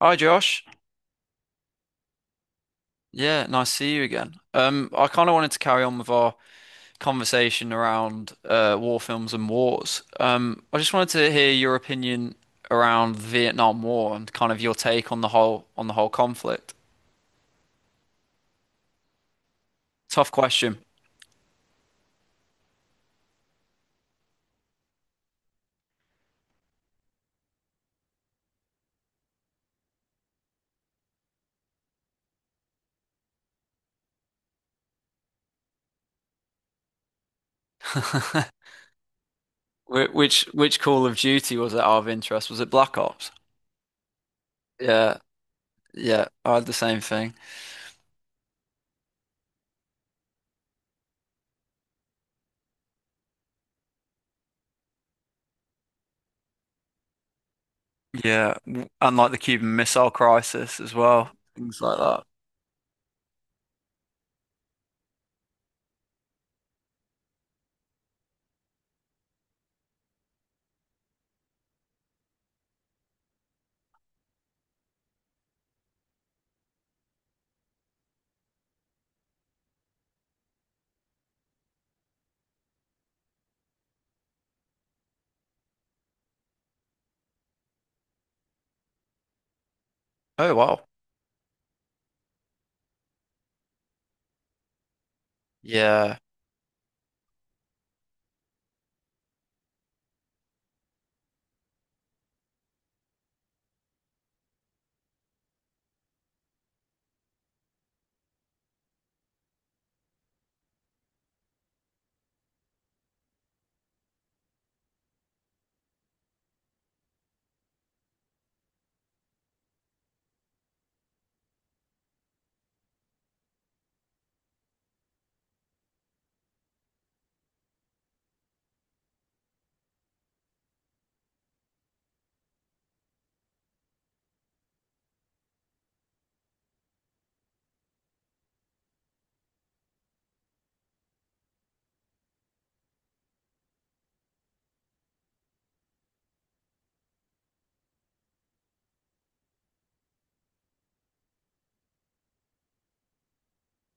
Hi Josh. Yeah, nice to see you again. I kind of wanted to carry on with our conversation around war films and wars. I just wanted to hear your opinion around the Vietnam War and kind of your take on the whole conflict. Tough question. Wh- which Call of Duty was it out of interest? Was it Black Ops? Yeah, yeah, I had the same thing. Yeah, and like the Cuban Missile Crisis as well, things like that. Oh wow. Yeah,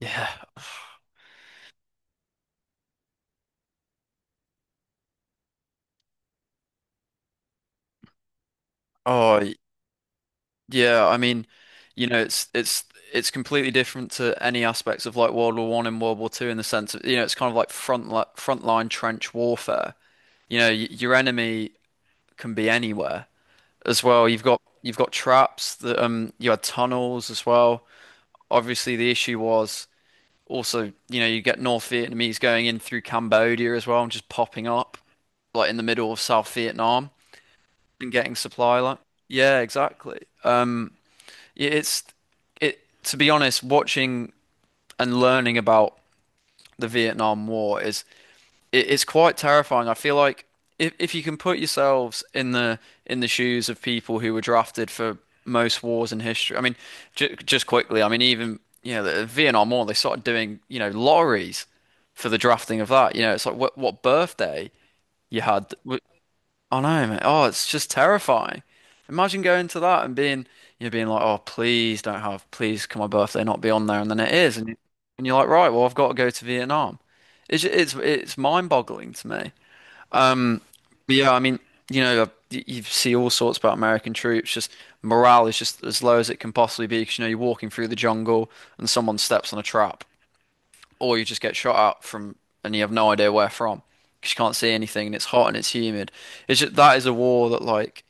yeah. Oh. Yeah, I mean, you know, it's completely different to any aspects of like World War One and World War Two in the sense of, you know, it's kind of like frontline trench warfare. You know, y your enemy can be anywhere as well. You've got traps that you had tunnels as well. Obviously, the issue was also, you know, you get North Vietnamese going in through Cambodia as well and just popping up like in the middle of South Vietnam and getting supply like. Yeah, exactly. Yeah, it to be honest, watching and learning about the Vietnam War is it's quite terrifying. I feel like if you can put yourselves in the shoes of people who were drafted for most wars in history. I mean, j just quickly, I mean even you know the Vietnam War, they started doing you know lotteries for the drafting of that. You know, it's like what birthday you had. I know, mate. Oh, it's just terrifying. Imagine going to that and being, you know, being like, oh, please don't have, please can my birthday not be on there, and then it is, and you, and you're like, right, well, I've got to go to Vietnam. It's it's mind-boggling to me. But yeah, I mean, you know, you see all sorts about American troops. Just morale is just as low as it can possibly be because you know you're walking through the jungle and someone steps on a trap, or you just get shot at from, and you have no idea where from because you can't see anything and it's hot and it's humid. It's just, that is a war that like.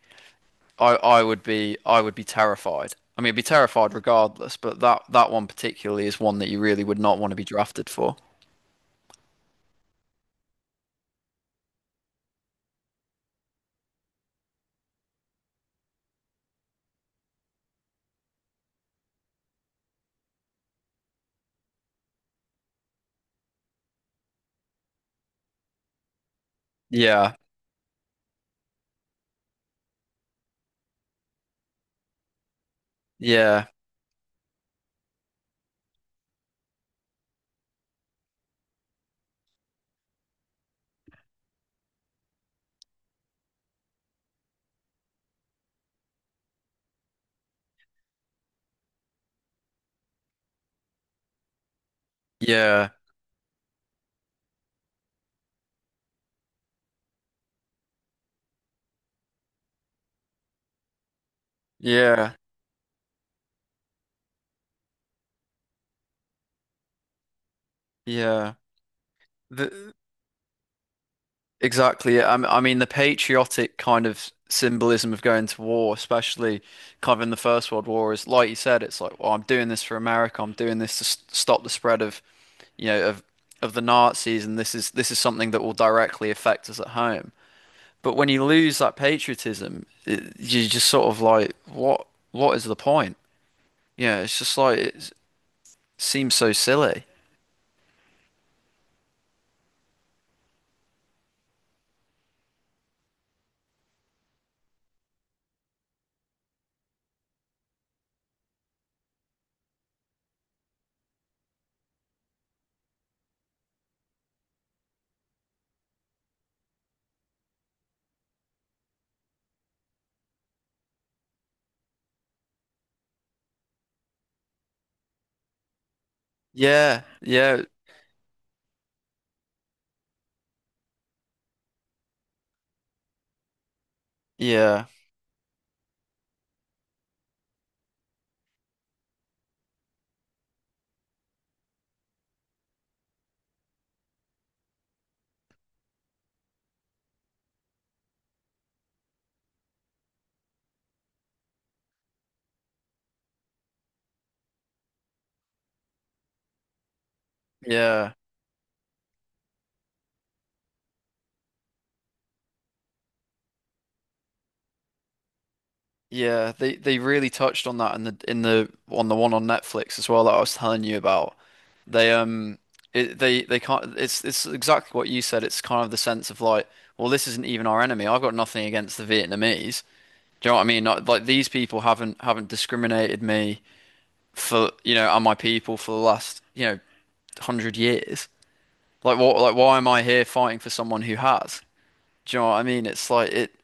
I would be terrified. I mean, I'd be terrified regardless, but that one particularly is one that you really would not want to be drafted for. Yeah, yeah, yeah, yeah, yeah. The, exactly. it. I mean, the patriotic kind of symbolism of going to war, especially kind of in the First World War, is like you said, it's like, well, I'm doing this for America. I'm doing this to s stop the spread of, you know, of the Nazis, and this is something that will directly affect us at home. But when you lose that patriotism, it, you're just sort of like, what? What is the point? Yeah, it's just like it seems so silly. Yeah, yeah, yeah, yeah, yeah. They really touched on that in the on the one on Netflix as well that I was telling you about. They it, they can't. It's exactly what you said. It's kind of the sense of like, well, this isn't even our enemy. I've got nothing against the Vietnamese. Do you know what I mean? Not, like these people haven't discriminated me for you know and my people for the last you know hundred years. Like what? Like why am I here fighting for someone who has? Do you know what I mean?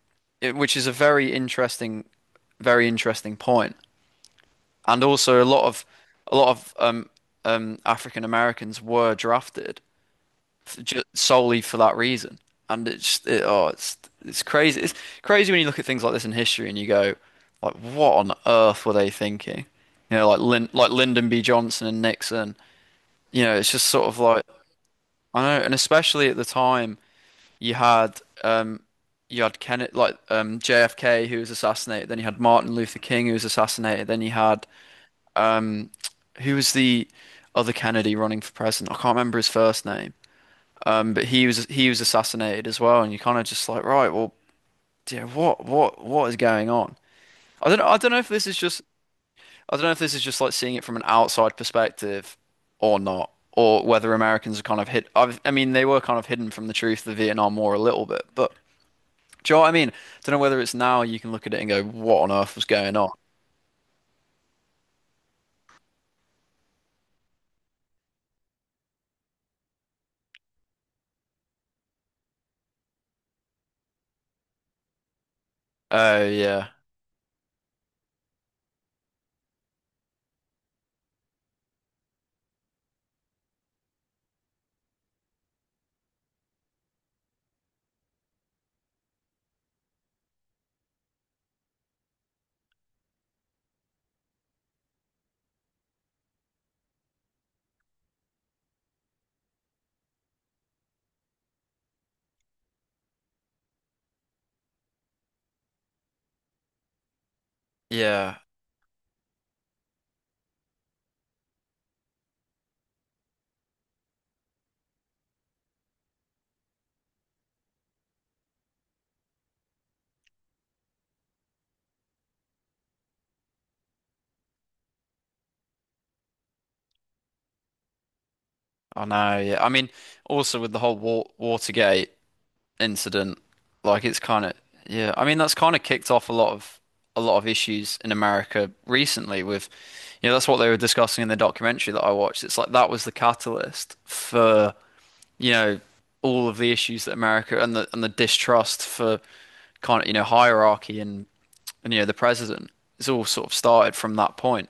It which is a very interesting point. And also a lot of African Americans were drafted solely for that reason. And oh it's crazy. It's crazy when you look at things like this in history and you go like what on earth were they thinking? You know like Lyndon B. Johnson and Nixon you know, it's just sort of like I know, and especially at the time you had um you had Kennedy like JFK who was assassinated, then you had Martin Luther King who was assassinated, then you had um who was the other Kennedy running for president? I can't remember his first name. But he was assassinated as well, and you kind of just like, right, well, yeah, what is going on? I don't know if this is just I don't know if this is just like seeing it from an outside perspective or not, or whether Americans are kind of hid. I mean, they were kind of hidden from the truth of the Vietnam War a little bit, but do you know what I mean? Don't know whether it's now you can look at it and go, what on earth was going on? Oh, yeah. Yeah. I know. Yeah. I mean, also with the whole Watergate. Incident. Like it's kind of yeah. I mean, that's kind of kicked off a lot of issues in America recently with you know that's what they were discussing in the documentary that I watched. It's like that was the catalyst for you know all of the issues that America and the distrust for kind of you know hierarchy and you know the president. It's all sort of started from that point,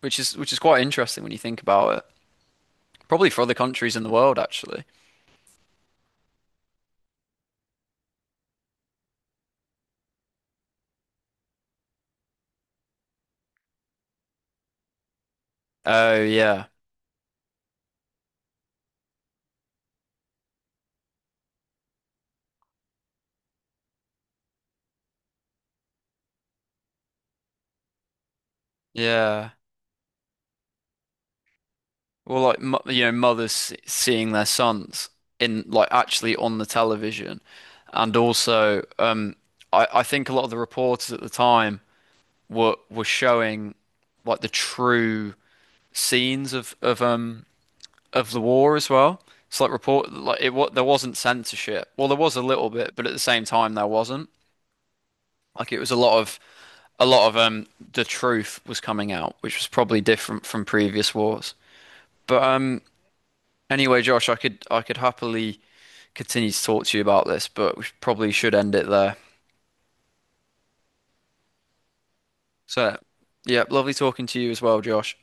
which is quite interesting when you think about it. Probably for other countries in the world, actually. Oh yeah, yeah. Or like you know mothers seeing their sons in like actually on the television, and also I think a lot of the reporters at the time were showing like the true scenes of the war as well. It's like report like it what there wasn't censorship. Well, there was a little bit, but at the same time there wasn't. Like it was a lot of the truth was coming out, which was probably different from previous wars. But. Anyway, Josh, I could happily continue to talk to you about this, but we probably should end it there. So, yeah, lovely talking to you as well, Josh.